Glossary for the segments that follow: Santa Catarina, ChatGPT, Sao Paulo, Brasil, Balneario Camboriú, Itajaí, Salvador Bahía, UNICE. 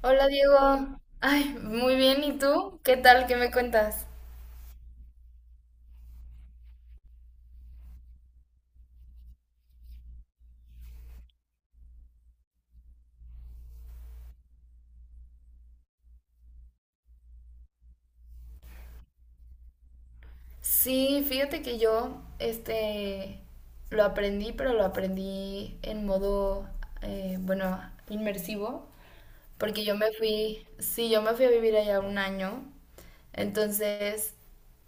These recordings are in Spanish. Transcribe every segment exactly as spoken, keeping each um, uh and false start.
Hola Diego, ay, muy bien, ¿y tú? ¿Qué tal? ¿Qué me cuentas? Sí, fíjate que yo, este, lo aprendí, pero lo aprendí en modo, eh, bueno, inmersivo, porque yo me fui, sí, yo me fui a vivir allá un año, entonces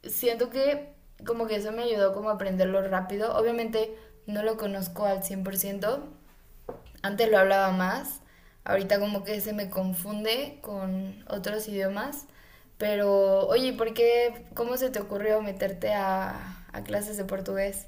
siento que como que eso me ayudó como a aprenderlo rápido, obviamente no lo conozco al cien por ciento. Antes lo hablaba más, ahorita como que se me confunde con otros idiomas, pero oye, ¿por qué, cómo se te ocurrió meterte a, a clases de portugués?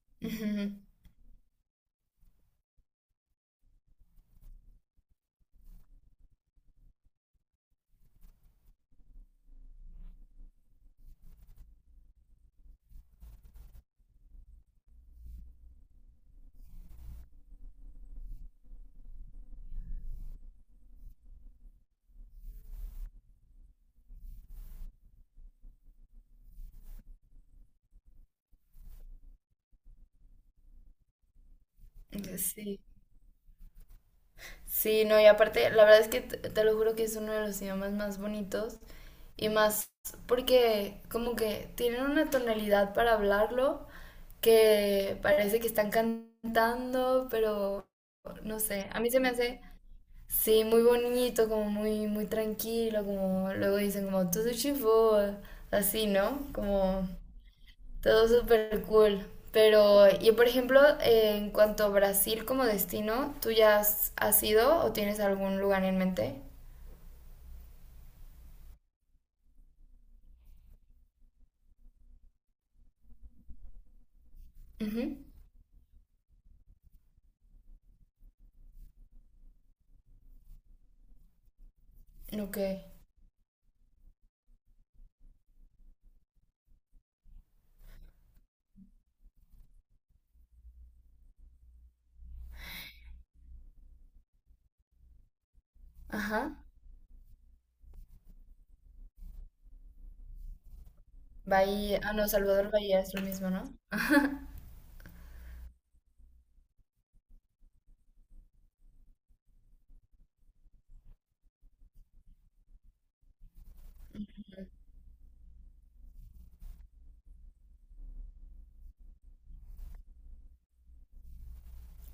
Ujú. Sí. Sí, no, y aparte, la verdad es que te, te lo juro que es uno de los idiomas más bonitos y más porque como que tienen una tonalidad para hablarlo que parece que están cantando, pero no sé, a mí se me hace... Sí, muy bonito, como muy, muy tranquilo, como luego dicen como todo chivo, así, ¿no? Como todo súper cool. Pero, y por ejemplo, eh, en cuanto a Brasil como destino, ¿tú ya has, has ido o tienes algún lugar en mente? Ujú. Ok. Ajá. Bahía. Ah, no, Salvador Bahía es lo mismo, ¿no?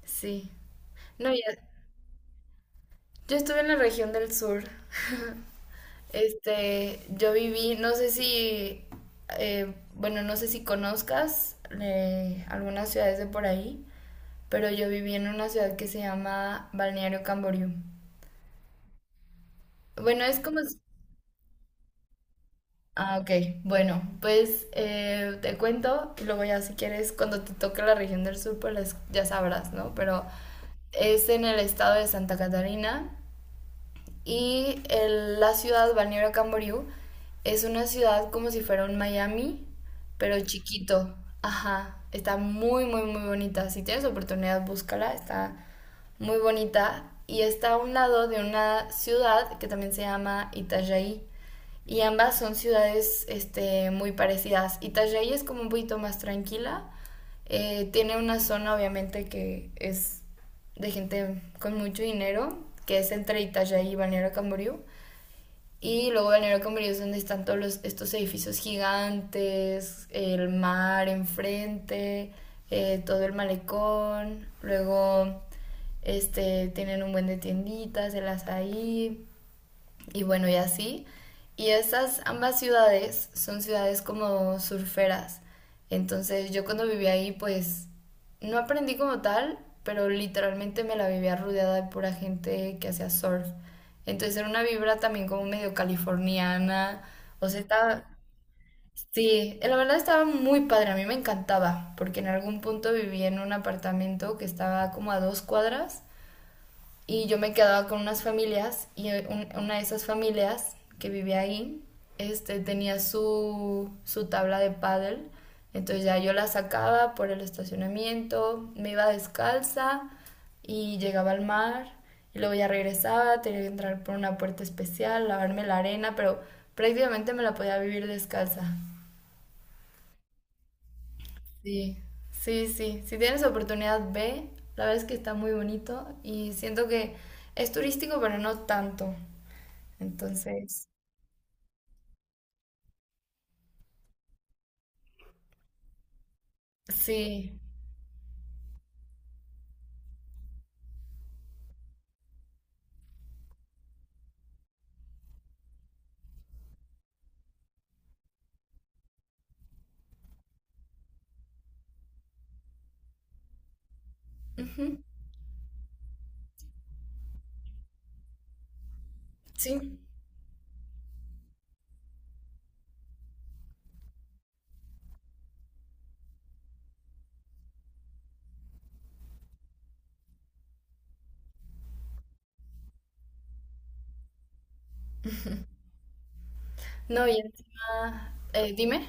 Sí. No, ya- yo estuve en la región del sur. Este, yo viví, no sé si, eh, bueno, no sé si conozcas eh, algunas ciudades de por ahí, pero yo viví en una ciudad que se llama Balneario Camboriú. Bueno, es como... Ah, ok. Bueno, pues eh, te cuento y luego ya si quieres, cuando te toque la región del sur, pues las- ya sabrás, ¿no? Pero es en el estado de Santa Catarina. Y el- la ciudad, Balneario Camboriú, es una ciudad como si fuera un Miami, pero chiquito. Ajá, está muy, muy, muy bonita. Si tienes oportunidad, búscala, está muy bonita. Y está a un lado de una ciudad que también se llama Itajaí. Y ambas son ciudades este, muy parecidas. Itajaí es como un poquito más tranquila. Eh, tiene una zona obviamente que es de gente con mucho dinero, que es entre Itajaí y Balneario Camboriú. Y luego Balneario Camboriú es donde están todos los, estos edificios gigantes, el mar enfrente, eh, todo el malecón. Luego este, tienen un buen de tienditas, el azaí, y bueno, y así. Y esas ambas ciudades son ciudades como surferas. Entonces yo cuando viví ahí pues no aprendí como tal, pero literalmente me la vivía rodeada de pura gente que hacía surf. Entonces era una vibra también como medio californiana. O sea, estaba... Sí, la verdad estaba muy padre, a mí me encantaba, porque en algún punto viví en un apartamento que estaba como a dos cuadras y yo me quedaba con unas familias y eh, un- una de esas familias que vivía ahí este, tenía su, su tabla de pádel. Entonces ya yo la sacaba por el estacionamiento, me iba descalza y llegaba al mar. Y luego ya regresaba, tenía que entrar por una puerta especial, lavarme la arena, pero prácticamente me la podía vivir descalza. Sí, sí, sí. Si tienes oportunidad, ve. La verdad es que está muy bonito y siento que es turístico, pero no tanto. Entonces, sí, ujú, sí. No, y encima, eh, dime.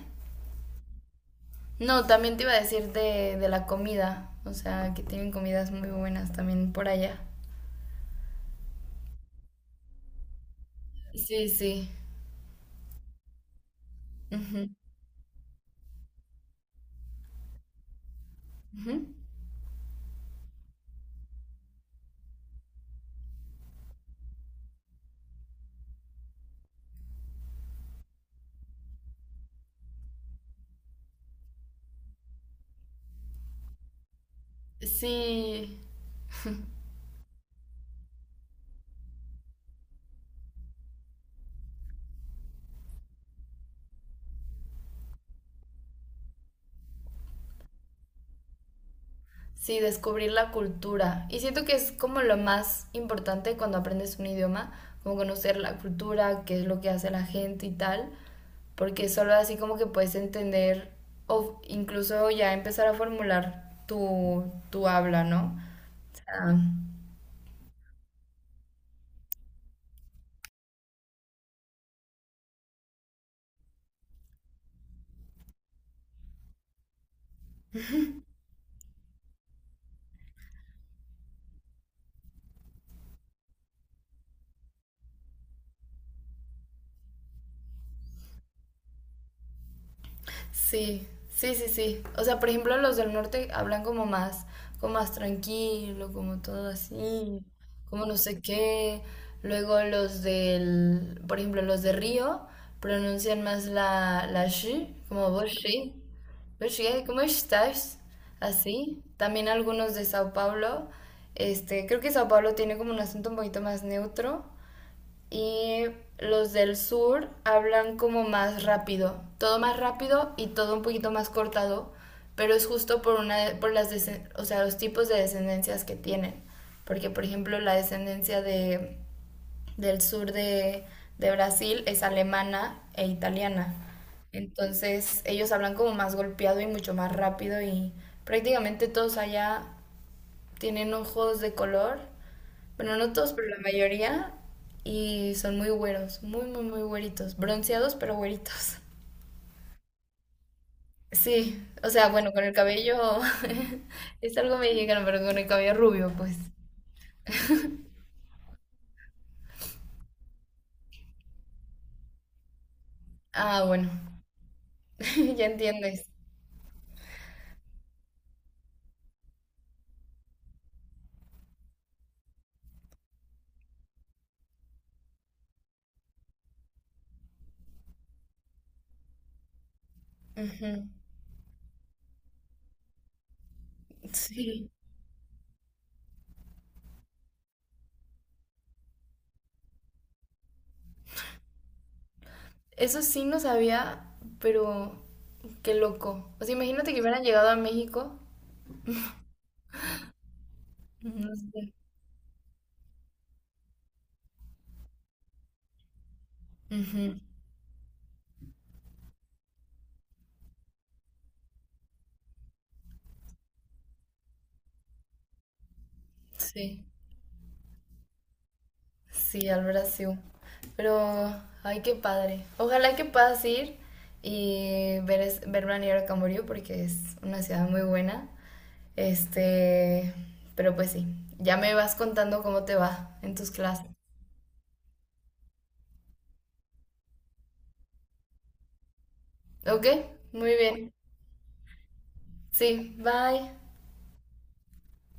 No, también te iba a decir de, de la comida, o sea, que tienen comidas muy buenas también por allá. Sí, sí. Ujú, ujú. Sí, sí, descubrir la cultura. Y siento que es como lo más importante cuando aprendes un idioma, como conocer la cultura, qué es lo que hace la gente y tal, porque solo así como que puedes entender o incluso ya empezar a formular tu, tu habla, ¿no? O sea, sí, sí, sí, sí. O sea, por ejemplo, los del norte hablan como más, como más tranquilo, como todo así, como no sé qué. Luego los del, por ejemplo, los de Río pronuncian más la, la sh, como vos sí. Vos sí, ¿cómo estás? Así. También algunos de Sao Paulo. Este, creo que Sao Paulo tiene como un acento un poquito más neutro y los del sur hablan como más rápido, todo más rápido y todo un poquito más cortado, pero es justo por una por las o sea, los tipos de descendencias que tienen, porque por ejemplo la descendencia de del sur de de Brasil es alemana e italiana. Entonces, ellos hablan como más golpeado y mucho más rápido y prácticamente todos allá tienen ojos de color, bueno, no todos, pero la mayoría, y son muy güeros, muy, muy, muy güeritos, bronceados, pero güeritos. Sí, o sea, bueno, con el cabello, es algo mexicano, pero con el cabello rubio, pues. Ah, bueno, ya entiendes. Ujú, sí, eso sí no sabía, pero qué loco. O sea, imagínate que hubieran llegado a México. No sé. Ujú, sí. Sí, al Brasil. Pero, ay, qué padre. Ojalá que puedas ir y ver, es- ver planear a Camboriú porque es una ciudad muy buena. Este, pero pues sí, ya me vas contando cómo te va en tus clases. ¿Ok? Muy bien. Sí, bye.